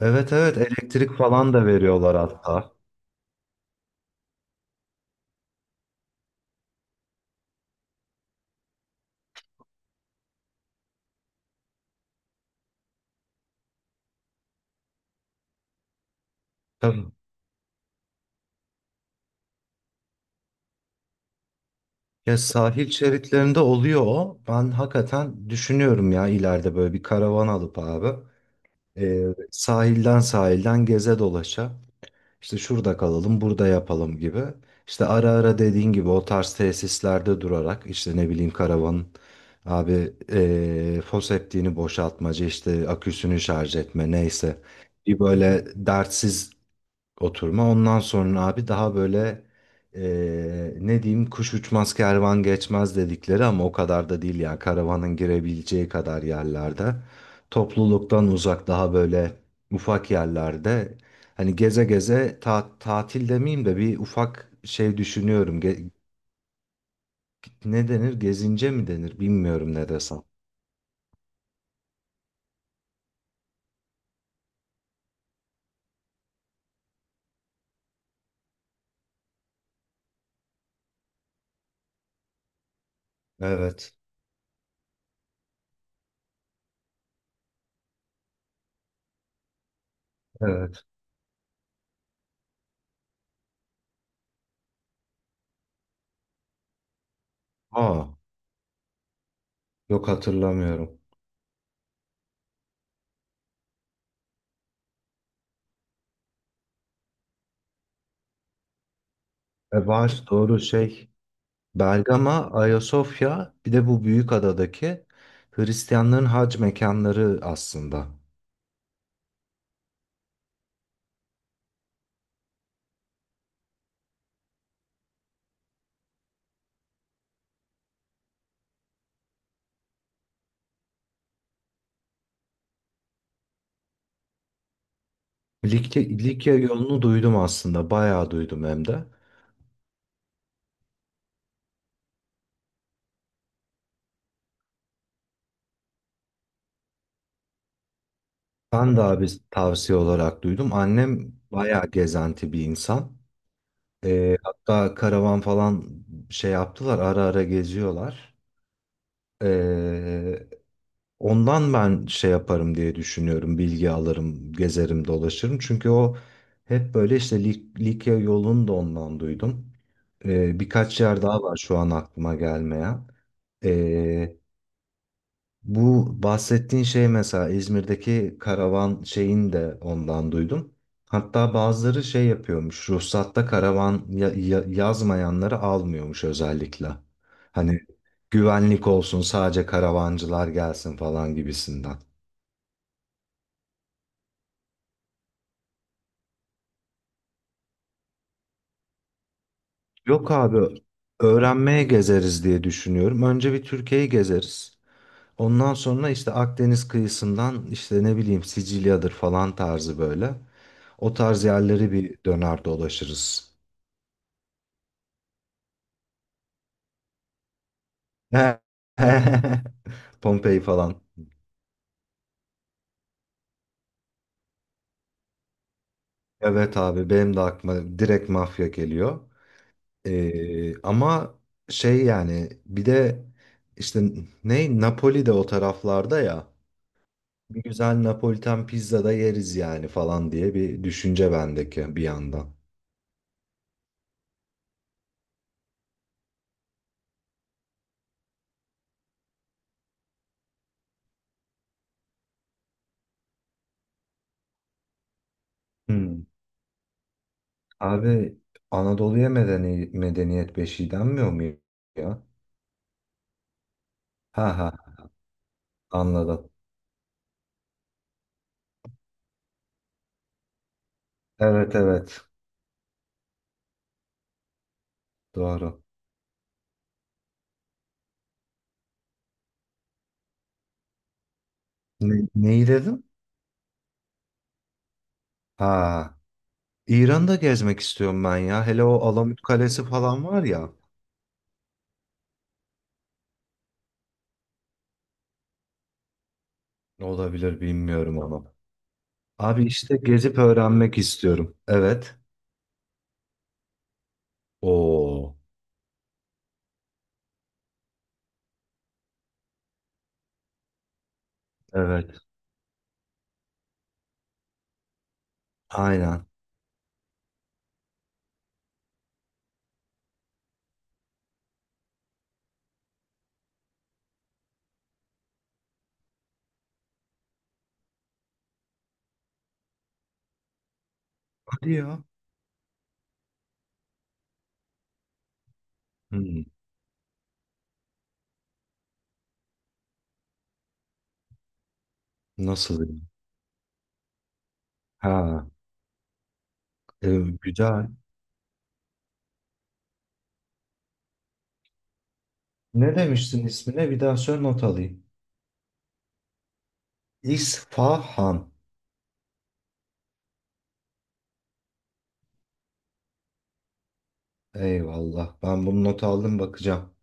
Evet, evet, elektrik falan da veriyorlar hatta. Tabii. Ya, sahil şeritlerinde oluyor o. Ben hakikaten düşünüyorum ya, ileride böyle bir karavan alıp abi, e, sahilden sahilden geze dolaşa işte şurada kalalım, burada yapalım gibi. İşte ara ara dediğin gibi o tarz tesislerde durarak işte ne bileyim karavanın abi, foseptiğini boşaltmacı, işte aküsünü şarj etme neyse, bir böyle dertsiz oturma. Ondan sonra abi daha böyle, ne diyeyim kuş uçmaz kervan geçmez dedikleri ama o kadar da değil ya. Karavanın girebileceği kadar yerlerde. Topluluktan uzak, daha böyle ufak yerlerde. Hani geze geze tatil demeyeyim de bir ufak şey düşünüyorum. Ne denir? Gezince mi denir? Bilmiyorum ne desem. Evet. Evet. Aa, yok, hatırlamıyorum. E var, doğru şey, Bergama, Ayasofya, bir de bu büyük adadaki Hristiyanların hac mekanları aslında. Likya yolunu duydum aslında, bayağı duydum hem de. Ben de abi tavsiye olarak duydum. Annem bayağı gezenti bir insan. Hatta karavan falan şey yaptılar, ara ara geziyorlar. Ee, Ondan ben şey yaparım diye düşünüyorum. Bilgi alırım, gezerim, dolaşırım. Çünkü o hep böyle işte Likya yolunu da ondan duydum. Birkaç yer daha var şu an aklıma gelmeyen. Ee, Bu bahsettiğin şey, mesela İzmir'deki karavan şeyini de ondan duydum. Hatta bazıları şey yapıyormuş. Ruhsatta karavan yazmayanları almıyormuş özellikle. Hani güvenlik olsun, sadece karavancılar gelsin falan gibisinden. Yok abi, öğrenmeye gezeriz diye düşünüyorum. Önce bir Türkiye'yi gezeriz. Ondan sonra işte Akdeniz kıyısından, işte ne bileyim, Sicilya'dır falan tarzı böyle. O tarz yerleri bir döner dolaşırız. Pompei falan. Evet abi, benim de aklıma direkt mafya geliyor. Ama şey yani, bir de işte ne, Napoli de o taraflarda ya. Bir güzel Napolitan pizza da yeriz yani falan diye bir düşünce bendeki bir yandan. Hmm. Abi, Anadolu'ya medeniyet beşiği denmiyor mu ya? Ha ha, anladım. Evet, evet, doğru. Ne, neyi dedim? Ha, İran'da gezmek istiyorum ben ya. Hele o Alamut Kalesi falan var ya. Olabilir, bilmiyorum onu. Abi işte gezip öğrenmek istiyorum. Evet. Oo. Evet. Aynen. Hadi ya. Hmm. Nasıl? Ha, e, güzel. Ne demiştin ismine? Bir daha söyle, not alayım. İsfahan. Eyvallah. Ben bunu not aldım, bakacağım.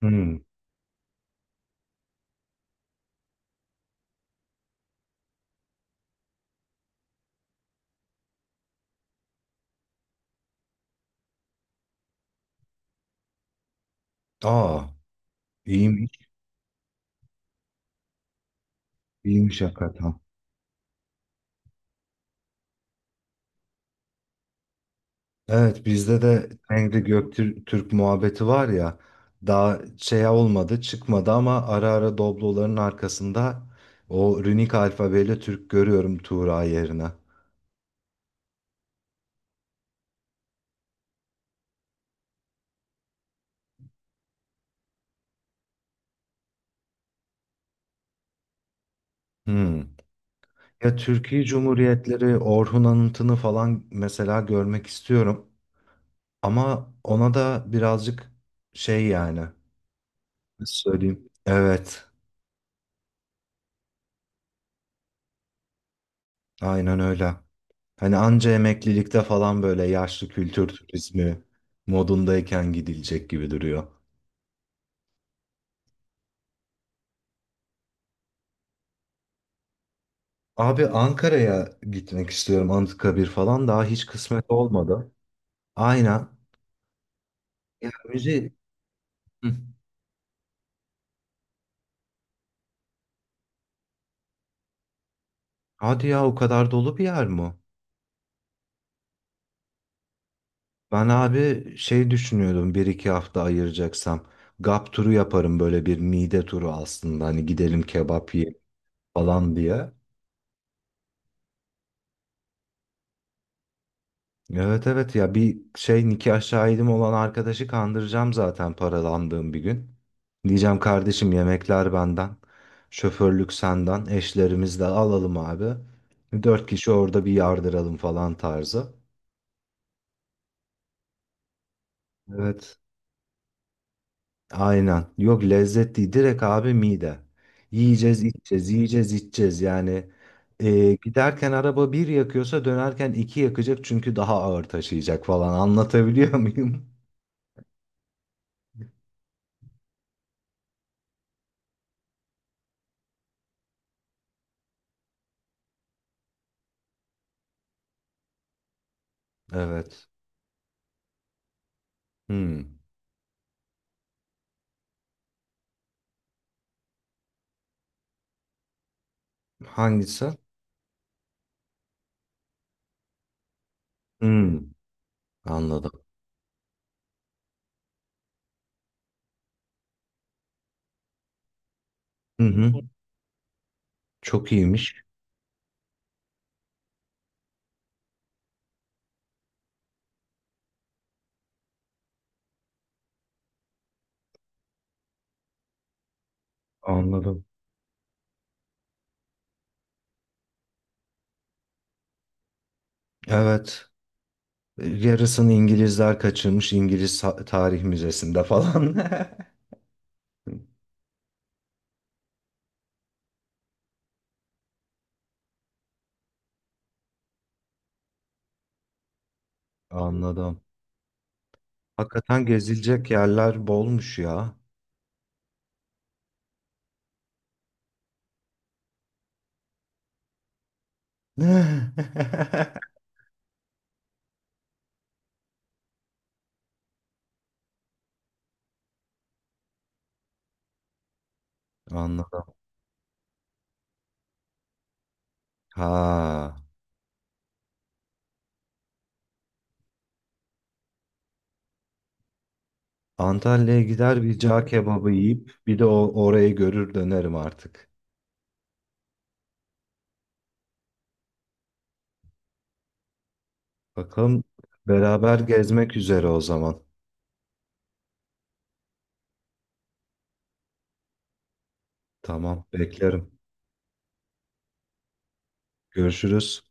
Hmm. Aa, iyiymiş, iyiymiş hakikaten. Evet, bizde de Tengri Göktürk muhabbeti var ya. Daha şey olmadı, çıkmadı ama ara ara Doblo'ların arkasında o runik alfabeyle Türk görüyorum, Tuğra yerine. Hmm. Ya Türkiye Cumhuriyetleri, Orhun Anıtı'nı falan mesela görmek istiyorum. Ama ona da birazcık şey yani, nasıl söyleyeyim. Evet, aynen öyle. Hani anca emeklilikte falan, böyle yaşlı kültür turizmi modundayken gidilecek gibi duruyor. Abi Ankara'ya gitmek istiyorum. Anıtkabir falan daha hiç kısmet olmadı. Aynen. Ya müze... Hı. Hadi ya, o kadar dolu bir yer mi? Ben abi şey düşünüyordum, bir iki hafta ayıracaksam. Gap turu yaparım, böyle bir mide turu aslında. Hani gidelim kebap yiyelim falan diye. Evet, evet ya, bir şey, nikah şahidim olan arkadaşı kandıracağım zaten paralandığım bir gün. Diyeceğim kardeşim, yemekler benden, şoförlük senden, eşlerimiz de alalım abi. Dört kişi orada bir yardıralım falan tarzı. Evet aynen, yok lezzet değil, direkt abi mide. Yiyeceğiz içeceğiz, yiyeceğiz içeceğiz yani. Giderken araba bir yakıyorsa dönerken iki yakacak, çünkü daha ağır taşıyacak falan, anlatabiliyor muyum? Evet. Hmm. Hangisi? Hmm. Anladım. Hı hı. Çok iyiymiş. Anladım. Evet. Yarısını İngilizler kaçırmış, İngiliz Tarih Müzesi'nde falan. Anladım. Hakikaten gezilecek yerler bolmuş ya. Anladım. Ha. Antalya'ya gider bir cağ kebabı yiyip bir de o orayı görür dönerim artık. Bakalım, beraber gezmek üzere o zaman. Tamam, beklerim. Görüşürüz.